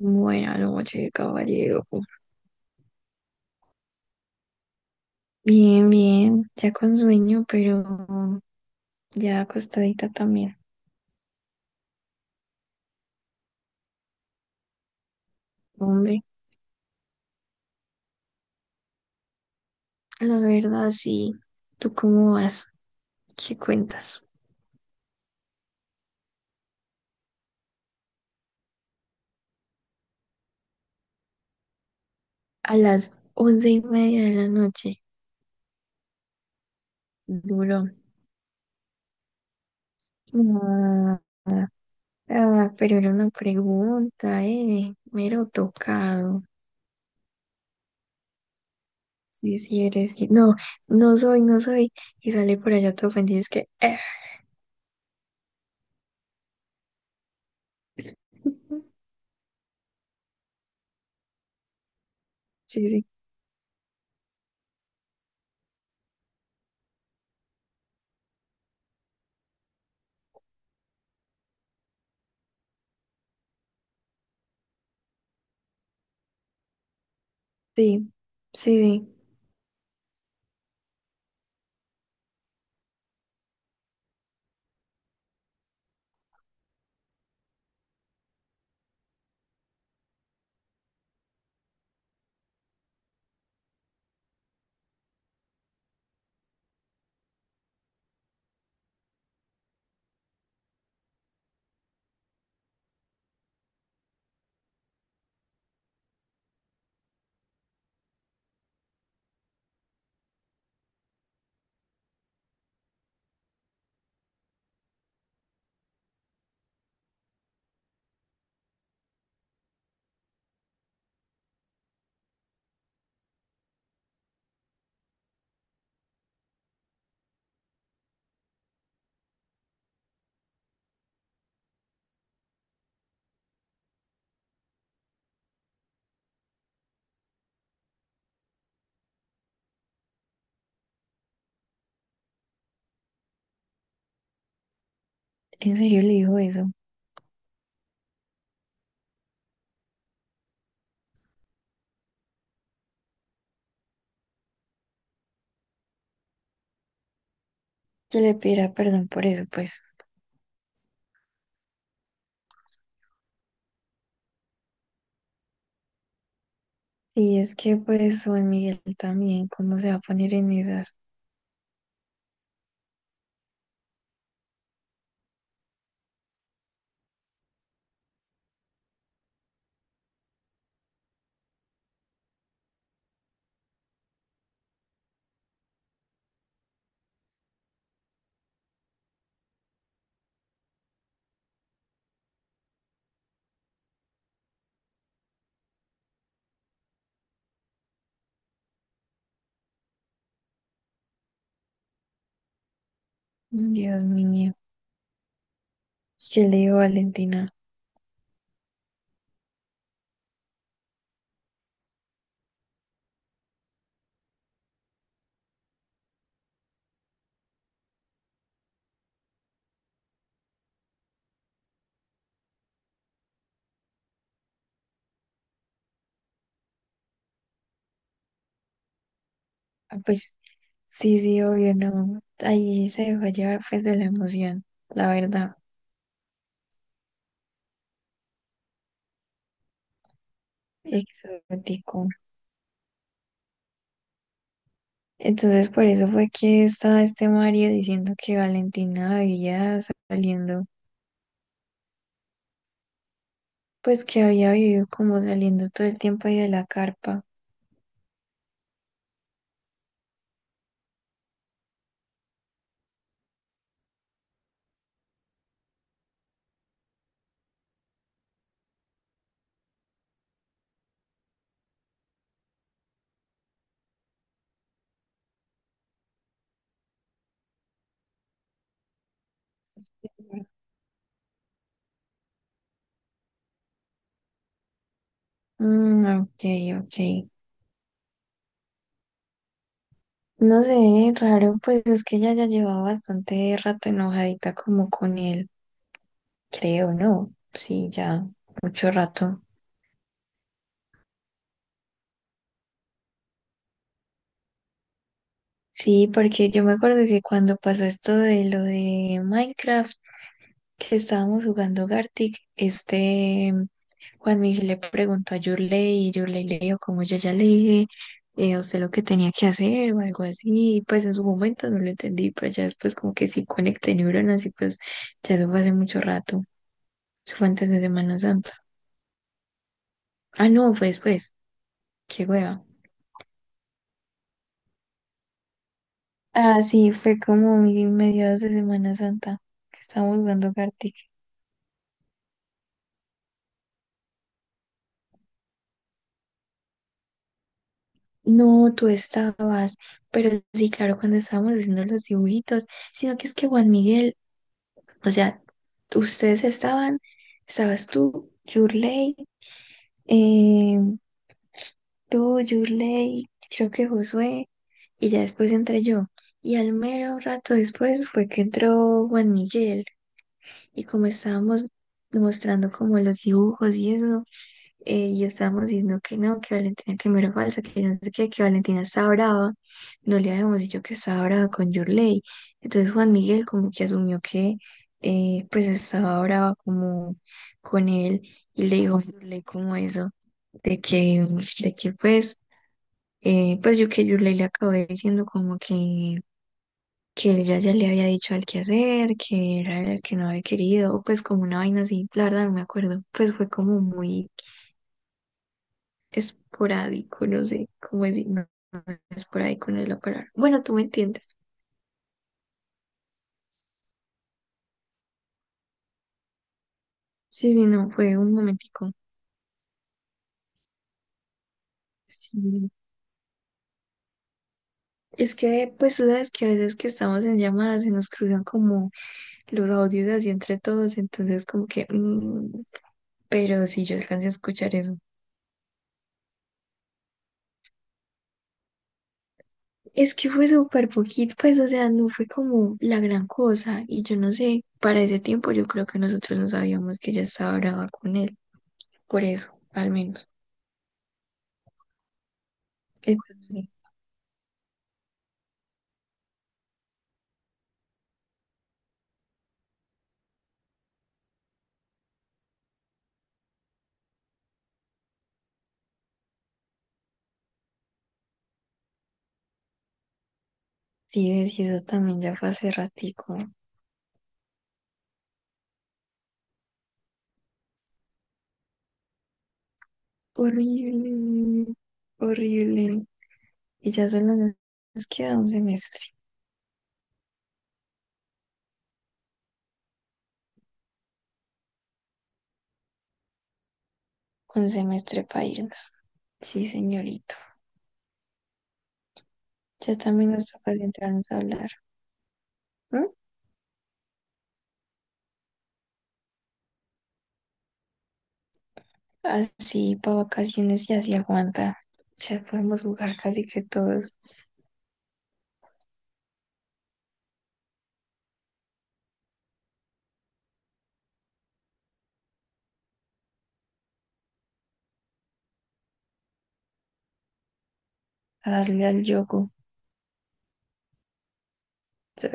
Buena noche, caballero. Bien, bien, ya con sueño, pero ya acostadita también. Hombre, la verdad, sí. ¿Tú cómo vas? ¿Qué cuentas? A las 11:30 de la noche. Duro. Ah, ah, pero era una pregunta, eh. Mero tocado. Sí, sí eres. Sí. No, no soy, no soy. Y sale por allá todo ofendido. Es que, eh. Sí, sí, sí, sí. Sí. ¿En serio le dijo eso? Que le pidiera perdón por eso, pues. Y es que pues Juan Miguel también, ¿cómo se va a poner en esas? Dios mío, ¿qué le digo Valentina? Ah, pues sí, sí, obvio, no. Ahí se dejó llevar pues de la emoción, la verdad, exótico. Entonces por eso fue que estaba este Mario diciendo que Valentina había saliendo, pues que había vivido como saliendo todo el tiempo ahí de la carpa. Mm, ok, ok. No sé, raro, pues es que ella ya llevaba bastante rato enojadita como con él, creo, ¿no? Sí, ya mucho rato. Sí, porque yo me acuerdo que cuando pasó esto de lo de Minecraft, que estábamos jugando Gartic, este Juan Miguel le preguntó a Yurley y Yurley le dijo como yo ya le dije, a usted lo que tenía que hacer o algo así, y pues en su momento no lo entendí, pero ya después como que sí conecté neuronas y pues ya eso fue hace mucho rato, eso fue antes de Semana Santa. Ah, no, fue después. Qué hueva. Ah, sí, fue como mi mediados de Semana Santa que estábamos jugando Gartic. No, tú estabas, pero sí, claro, cuando estábamos haciendo los dibujitos, sino que es que Juan Miguel, o sea, ustedes estaban, estabas eh, tú, Yurley, creo que Josué, y ya después entré yo. Y al mero rato después fue que entró Juan Miguel. Y como estábamos mostrando como los dibujos y eso, y estábamos diciendo que no, que Valentina primero falsa, que no sé qué, que Valentina estaba brava, no le habíamos dicho que estaba brava con Yurley. Entonces Juan Miguel como que asumió que pues estaba brava como con él y le dijo a Yurley como eso, de que, de que pues, pues yo que Yurley le acabé diciendo como que que ya le había dicho al que hacer, que era el que no había querido, o pues como una vaina así, la verdad no me acuerdo, pues fue como muy esporádico, no sé cómo decir, no, esporádico no es la palabra. Bueno, tú me entiendes. Sí, sí, no, fue un momentico. Sí. Es que, pues tú sabes que a veces que estamos en llamadas se nos cruzan como los audios así entre todos, entonces como que, pero sí, yo alcancé a escuchar eso. Es que fue súper poquito, pues, o sea, no fue como la gran cosa. Y yo no sé, para ese tiempo yo creo que nosotros no sabíamos que ella estaba brava con él, por eso, al menos. Entonces, sí, ves, y eso también ya fue hace ratico. Horrible, horrible. Y ya solo nos queda un semestre para irnos. Sí, señorito. Ya también nos toca sentarnos a hablar. ¿M? Así para vacaciones y así aguanta. Ya podemos jugar casi que todos. A darle al yogur. Sí,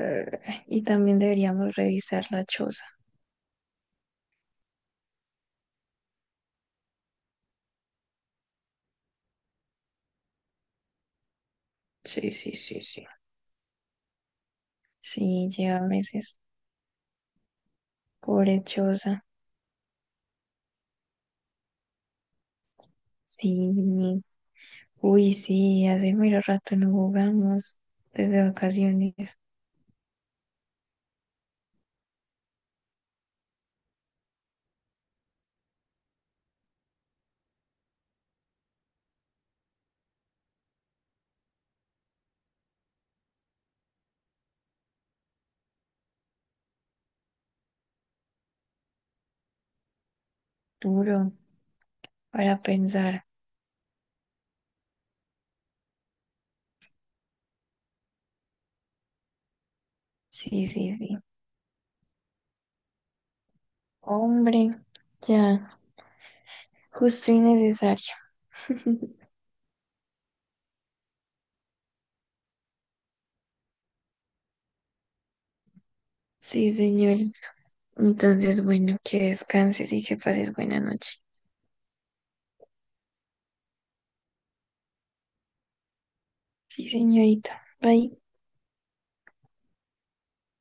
y también deberíamos revisar la choza. Sí, sí, sí, sí. Sí, lleva meses. Pobre choza. Sí. Uy, sí, hace mero rato no jugamos. Desde vacaciones. Duro para pensar. Sí, sí, sí. Hombre, ya. Justo y necesario. Sí, señorito. Entonces, bueno, que descanses y que pases buena noche. Sí, señorita. Bye.